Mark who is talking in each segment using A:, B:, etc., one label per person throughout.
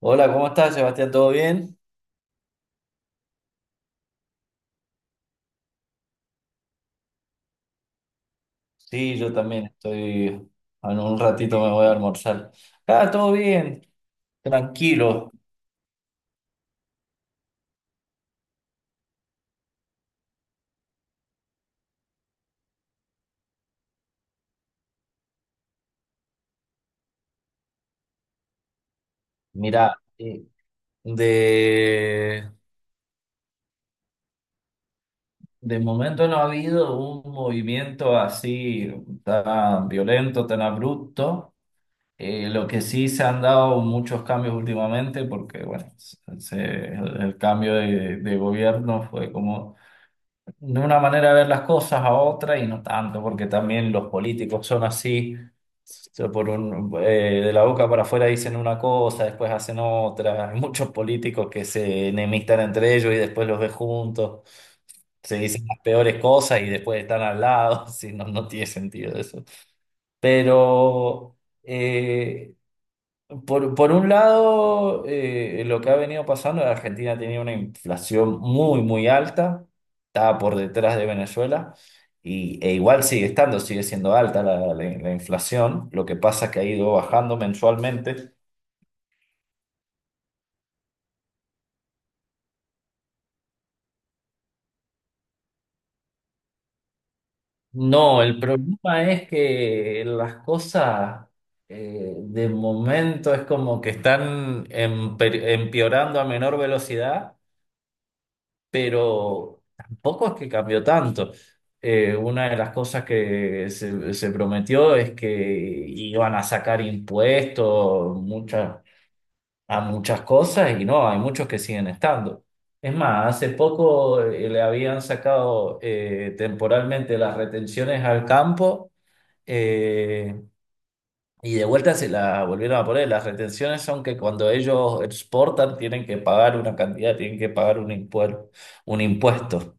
A: Hola, ¿cómo estás, Sebastián? ¿Todo bien? Sí, yo también estoy. En un ratito me voy a almorzar. Ah, todo bien, tranquilo. Mirá, de, de momento no ha habido un movimiento así tan violento, tan abrupto. Lo que sí se han dado muchos cambios últimamente, porque bueno, el cambio de gobierno fue como de una manera de ver las cosas a otra y no tanto, porque también los políticos son así, por un, de la boca para afuera dicen una cosa, después hacen otra. Hay muchos políticos que se enemistan entre ellos y después los ves juntos, se dicen las peores cosas y después están al lado. Si no, no tiene sentido eso. Pero eh, por un lado, lo que ha venido pasando, la Argentina tenía una inflación muy, muy alta, estaba por detrás de Venezuela, e igual sigue estando, sigue siendo alta la inflación. Lo que pasa es que ha ido bajando mensualmente. No, el problema es que las cosas de momento es como que están empeorando a menor velocidad. Pero tampoco es que cambió tanto. Una de las cosas que se prometió es que iban a sacar impuestos a muchas cosas y no, hay muchos que siguen estando. Es más, hace poco le habían sacado temporalmente las retenciones al campo, eh, y de vuelta se la volvieron a poner. Las retenciones son que cuando ellos exportan tienen que pagar una cantidad, tienen que pagar un impuesto.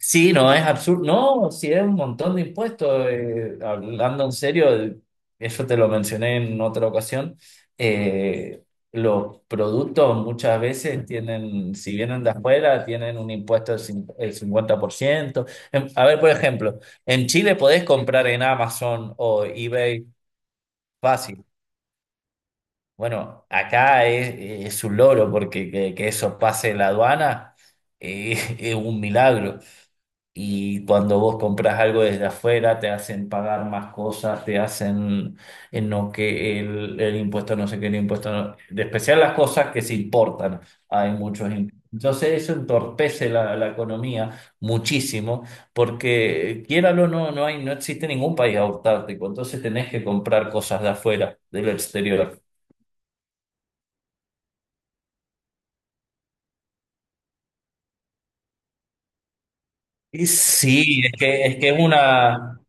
A: Sí, no, es absurdo. No, sí, es un montón de impuestos. Hablando en serio, eso te lo mencioné en otra ocasión. eh, los productos muchas veces tienen, si vienen de afuera, tienen un impuesto del cin- el 50%. A ver, por ejemplo, en Chile podés comprar en Amazon o eBay fácil. Bueno, acá es un logro porque que eso pase la aduana, eh, es un milagro. Y cuando vos compras algo desde afuera, te hacen pagar más cosas, te hacen en no que el impuesto no sé qué, el impuesto de especial las cosas que se importan. Hay muchos impuestos. Entonces eso entorpece la economía muchísimo, porque quiéralo o no, no hay, no existe ningún país autárquico, entonces tenés que comprar cosas de afuera, del exterior. Y sí, es que es una.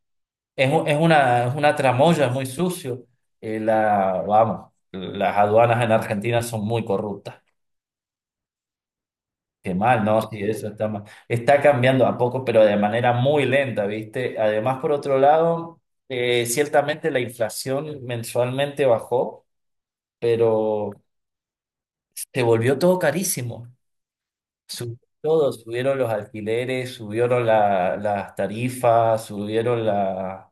A: Es una tramoya, es muy sucio. Vamos, las aduanas en Argentina son muy corruptas. Qué mal, ¿no? Sí, eso está mal. Está cambiando a poco, pero de manera muy lenta, ¿viste? Además, por otro lado, ciertamente la inflación mensualmente bajó, pero se volvió todo carísimo. Subió todo, subieron los alquileres, subieron las tarifas,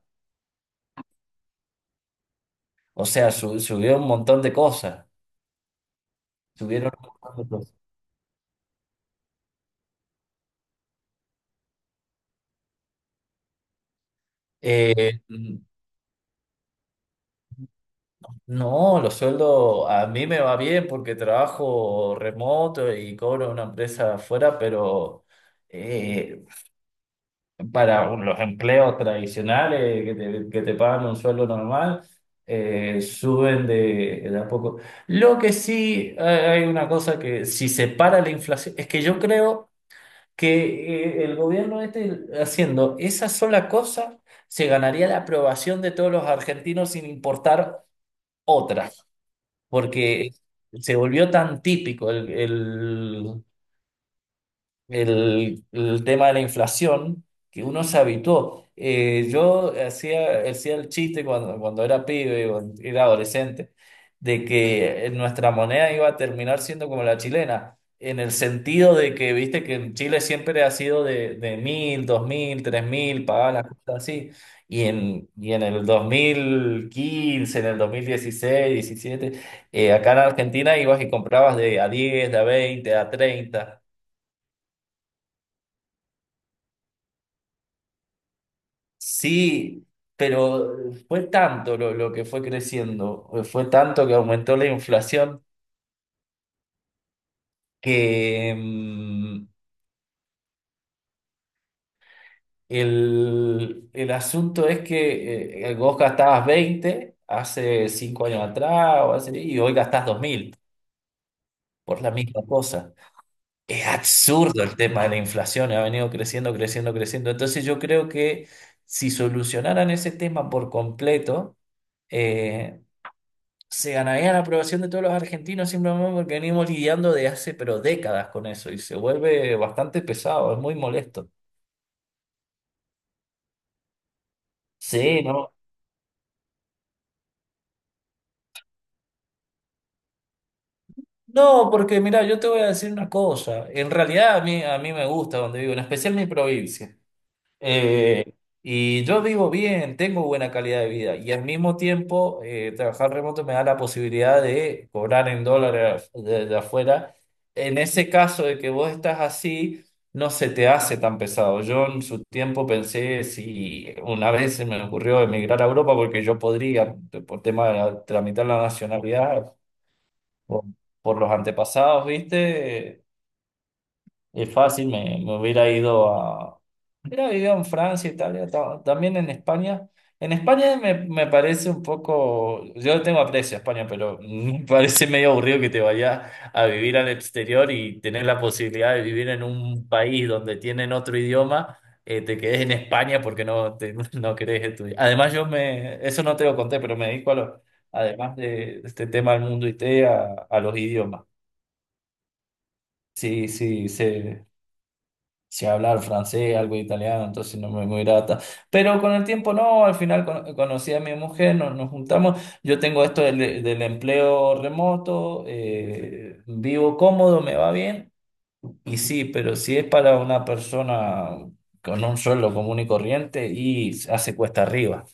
A: o sea, subió un montón de cosas. Subieron Eh, no, los sueldos a mí me va bien porque trabajo remoto y cobro una empresa afuera, pero eh, para los empleos tradicionales que te pagan un sueldo normal, suben de a poco. Lo que sí, hay una cosa que si se para la inflación, es que yo creo que el gobierno este haciendo esa sola cosa se ganaría la aprobación de todos los argentinos sin importar otra, porque se volvió tan típico el tema de la inflación, que uno se habituó. Yo hacía el chiste cuando era pibe, cuando era adolescente, de que nuestra moneda iba a terminar siendo como la chilena, en el sentido de que, viste, que en Chile siempre ha sido de 1000, 2000, 3000, pagaba las cosas así. Y en el 2015, en el 2016, 17, acá en Argentina ibas y comprabas de a 10, de a 20, de a 30. Sí, pero fue tanto lo que fue creciendo, fue tanto que aumentó la inflación que el asunto es que vos gastabas 20 hace 5 años atrás o así, y hoy gastás 2000 por la misma cosa. Es absurdo el tema de la inflación, ha venido creciendo, creciendo, creciendo. Entonces yo creo que si solucionaran ese tema por completo, eh, se ganaría la aprobación de todos los argentinos simplemente porque venimos lidiando de hace pero décadas con eso y se vuelve bastante pesado, es muy molesto. Sí, ¿no? No, porque mira, yo te voy a decir una cosa, en realidad a mí me gusta donde vivo, en especial mi provincia. Eh, y yo vivo bien, tengo buena calidad de vida y al mismo tiempo, trabajar remoto me da la posibilidad de cobrar en dólares de afuera. En ese caso de que vos estás así, no se te hace tan pesado. Yo en su tiempo pensé si una vez se me ocurrió emigrar a Europa porque yo podría, por tema de tramitar la nacionalidad por, por los antepasados, ¿viste? Es fácil, me hubiera ido. Mira, vivió en Francia, Italia, también en España. En España me parece un poco, yo no tengo aprecio a España, pero me parece medio aburrido que te vayas a vivir al exterior y tener la posibilidad de vivir en un país donde tienen otro idioma, te quedes en España porque no, no querés estudiar. Además, eso no te lo conté, pero me dedico a los, además de este tema del mundo IT, a los idiomas. Sí, sí, sí, sé hablar francés, algo de italiano, entonces no me muy grata. Pero con el tiempo no, al final conocí a mi mujer, nos juntamos. Yo tengo esto del empleo remoto, vivo cómodo, me va bien. Y sí, pero si es para una persona con un sueldo común y corriente, y hace cuesta arriba.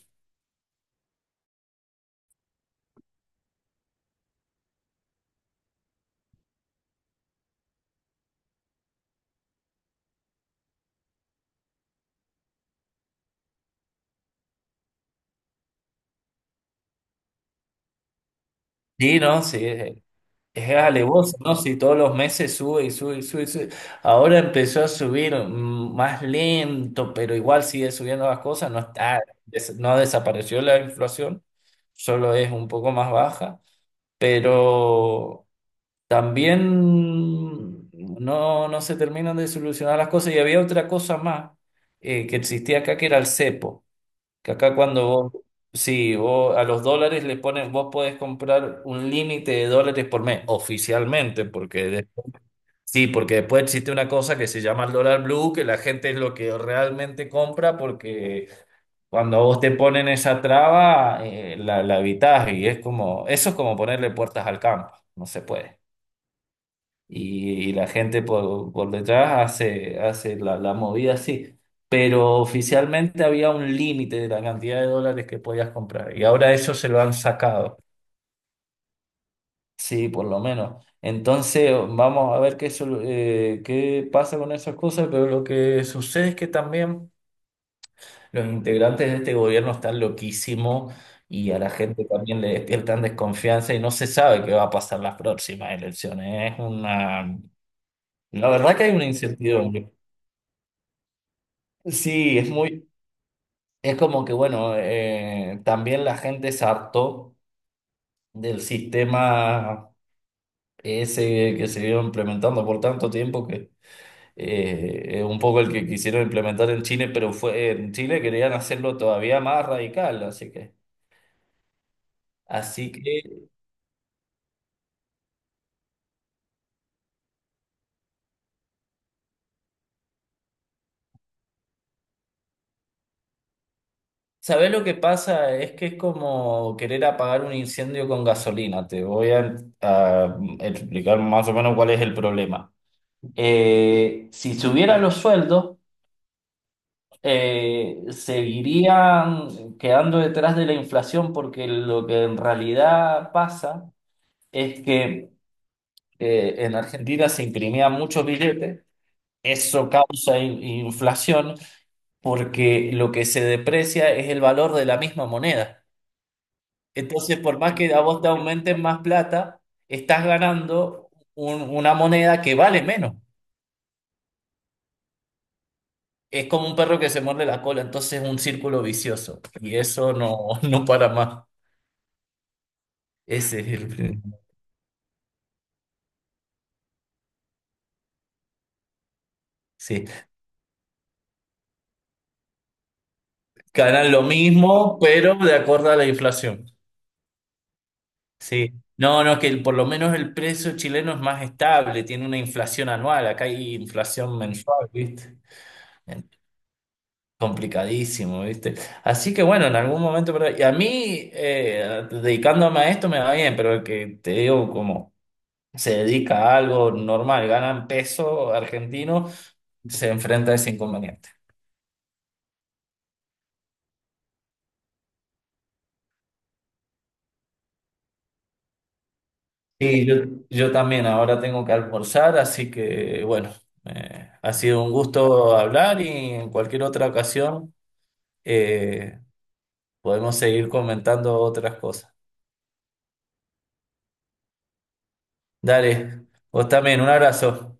A: Sí, no, sí. Es alevoso, ¿no? Si todos los meses sube y sube y sube y sube. Ahora empezó a subir, más lento, pero igual sigue subiendo las cosas. No está, no desapareció la inflación, solo es un poco más baja. Pero también no, no se terminan de solucionar las cosas. Y había otra cosa más, que existía acá, que era el cepo. Que acá cuando vos, sí, vos a los dólares le pones, vos podés comprar un límite de dólares por mes, oficialmente, porque sí, porque después existe una cosa que se llama el dólar blue, que la gente es lo que realmente compra, porque cuando a vos te ponen esa traba, la evitás y es como, eso es como ponerle puertas al campo, no se puede. Y la gente por detrás hace la movida así. Pero oficialmente había un límite de la cantidad de dólares que podías comprar y ahora eso se lo han sacado, sí, por lo menos. Entonces vamos a ver qué pasa con esas cosas, pero lo que sucede es que también los integrantes de este gobierno están loquísimos y a la gente también le despiertan desconfianza y no se sabe qué va a pasar las próximas elecciones. La verdad que hay una incertidumbre. Sí, es muy, es como que bueno, también la gente se hartó del sistema ese que se vio implementando por tanto tiempo que es un poco el que quisieron implementar en Chile, pero fue en Chile querían hacerlo todavía más radical, así que, ¿sabés lo que pasa? Es que es como querer apagar un incendio con gasolina. Te voy a explicar más o menos cuál es el problema. Si subieran los sueldos, seguirían quedando detrás de la inflación porque lo que en realidad pasa es que en Argentina se imprimían muchos billetes, eso causa inflación porque lo que se deprecia es el valor de la misma moneda. Entonces, por más que a vos te aumenten más plata, estás ganando una moneda que vale menos. Es como un perro que se muerde la cola, entonces es un círculo vicioso y eso no, no para más. Ese es el prim- Sí, ganan lo mismo, pero de acuerdo a la inflación. Sí. No, no, que por lo menos el precio chileno es más estable, tiene una inflación anual, acá hay inflación mensual, ¿viste? En- Complicadísimo, ¿viste? Así que bueno, en algún momento, y a mí, dedicándome a esto me va bien, pero el que te digo, como se dedica a algo normal, ganan peso argentino, se enfrenta a ese inconveniente. Sí, yo también ahora tengo que almorzar, así que bueno, ha sido un gusto hablar y en cualquier otra ocasión, eh, podemos seguir comentando otras cosas. Dale, vos también, un abrazo.